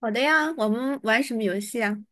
好的呀，我们玩什么游戏啊？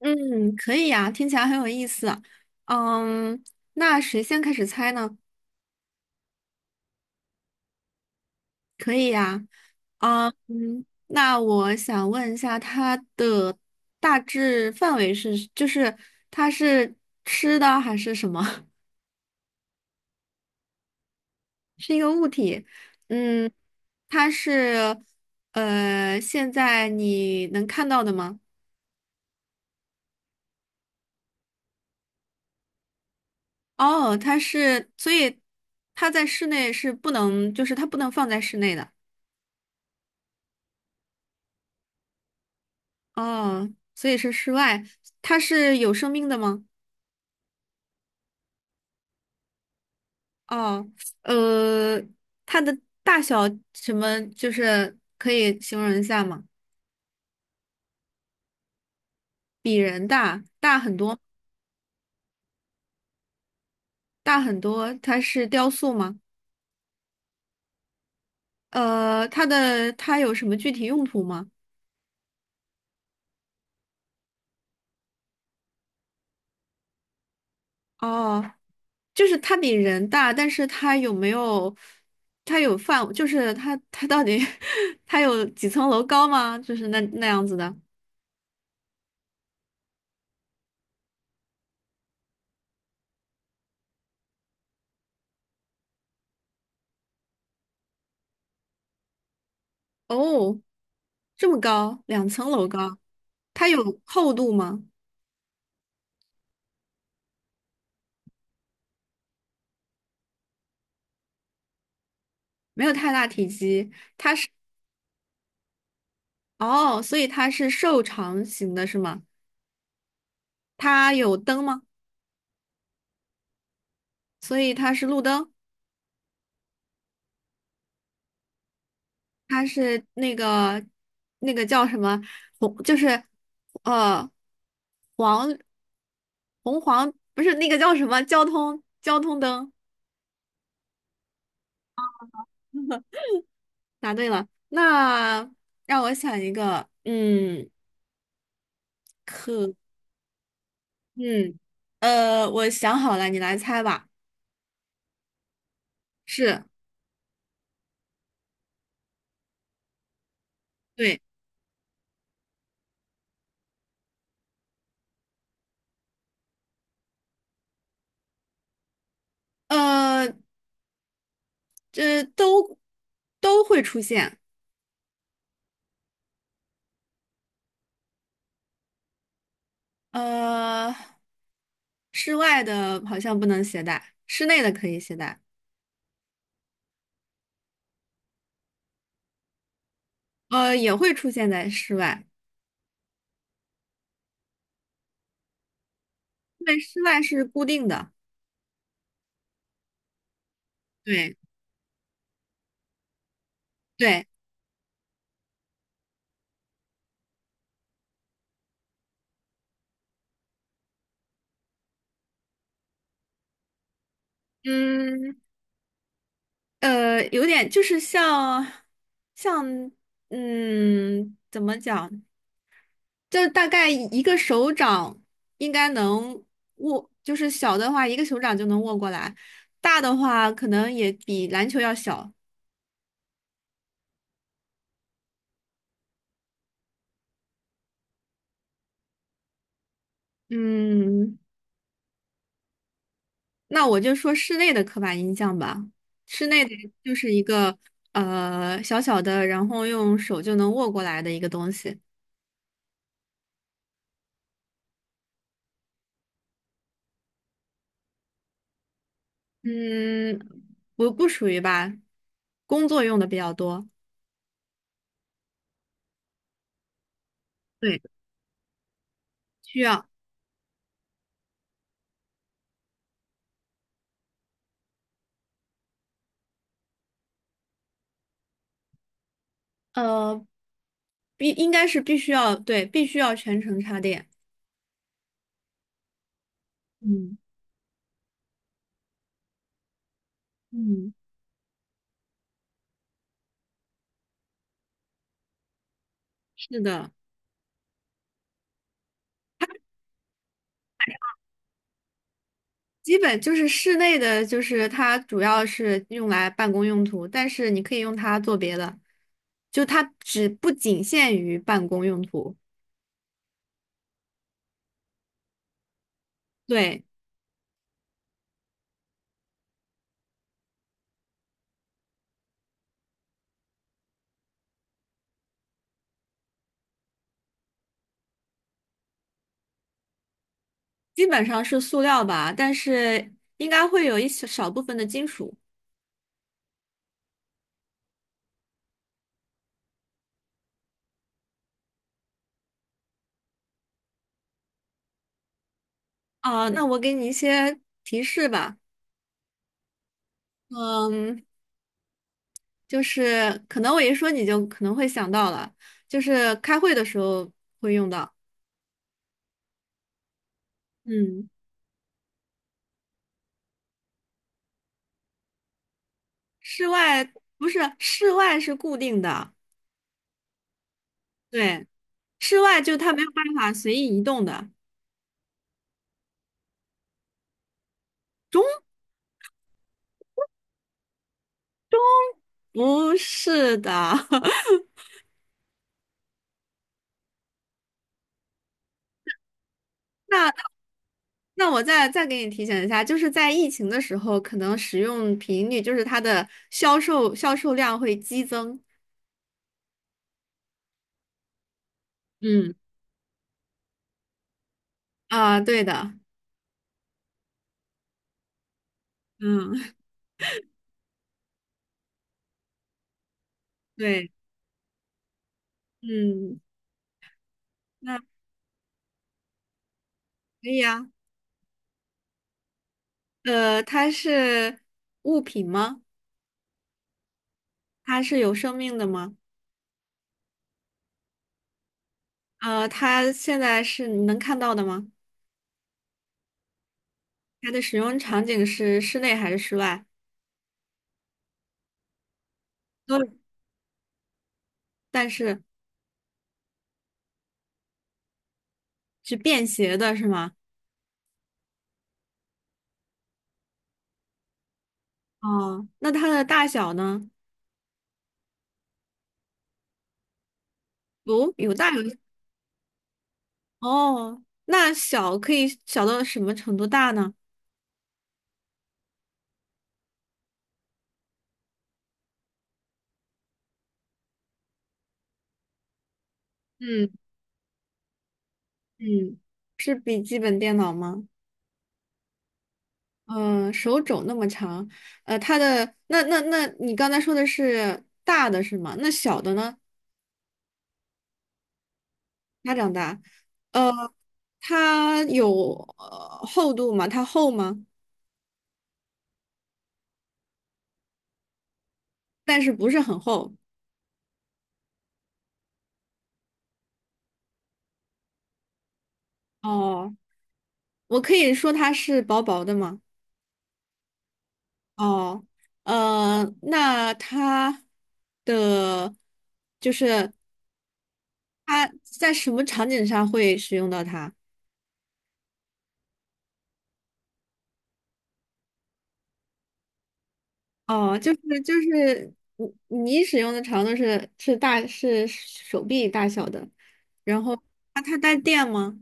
嗯，可以呀，听起来很有意思。嗯，那谁先开始猜呢？可以呀。嗯，那我想问一下，它的大致范围是，就是它是吃的还是什么？嗯，它是现在你能看到的吗？哦，所以它在室内是不能，就是它不能放在室内的。哦，所以是室外，它是有生命的吗？哦，呃，它的大小什么，就是可以形容一下吗？比人大，大很多，大很多。它是雕塑吗？它有什么具体用途吗？哦，就是它比人大，但是它有没有？它有范，就是它到底 它有几层楼高吗？就是那样子的。哦，这么高，两层楼高，它有厚度吗？没有太大体积。哦，所以它是瘦长型的，是吗？它有灯吗？所以它是路灯，它是那个叫什么红，就是呃黄红黄，不是那个叫什么交通灯。答对了，那让我想一个，嗯，可，嗯，我想好了，你来猜吧。是。对，呃，这都会出现。呃，室外的好像不能携带，室内的可以携带。也会出现在室外，对，室外是固定的。对对，嗯，有点就是像嗯，怎么讲？就大概一个手掌应该能握，就是小的话一个手掌就能握过来，大的话可能也比篮球要小。嗯，那我就说室内的刻板印象吧。室内的就是一个小小的，然后用手就能握过来的一个东西。嗯，不属于吧，工作用的比较多。对，需要呃应该是必须要，对，必须要全程插电。嗯嗯，是的。基本就是室内的，就是它主要是用来办公用途，但是你可以用它做别的，就它只不仅限于办公用途。对，基本上是塑料吧，但是应该会有一小少部分的金属。啊、那我给你一些提示吧。嗯，就是可能我一说你就可能会想到了，就是开会的时候会用到。嗯，室外不是，室外是固定的，对。室外就它没有办法随意移动的。中不是的，那我再给你提醒一下，就是在疫情的时候，可能使用频率就是它的销售量会激增。嗯啊，对的，嗯，对，嗯，那可以啊。它是物品吗？它是有生命的吗？它现在是你能看到的吗？它的使用场景是室内还是室外？都有但是。是便携的是吗？哦，那它的大小呢？哦，有大有小哦，那小可以小到什么程度大呢？嗯嗯，是笔记本电脑吗？嗯、手肘那么长，那你刚才说的是大的是吗？那小的呢？它长大，呃，它有厚度吗？它厚吗？但是不是很厚。哦，我可以说它是薄薄的吗？哦，那它的就是它在什么场景上会使用到它？哦，就是你使用的长度是大是手臂大小的，然后它带电吗？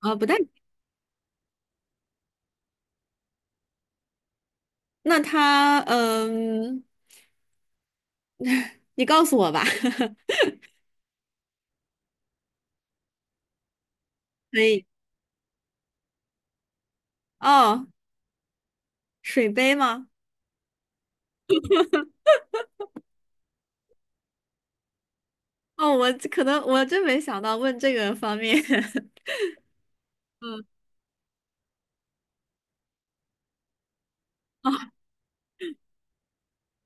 啊、不带。那它嗯，你告诉我吧。可以。哦，水杯吗？哦，我这可能我真没想到问这个方面。嗯，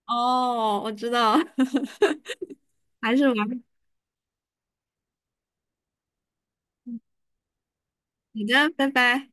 哦，哦我知道。还是玩。你的，拜拜。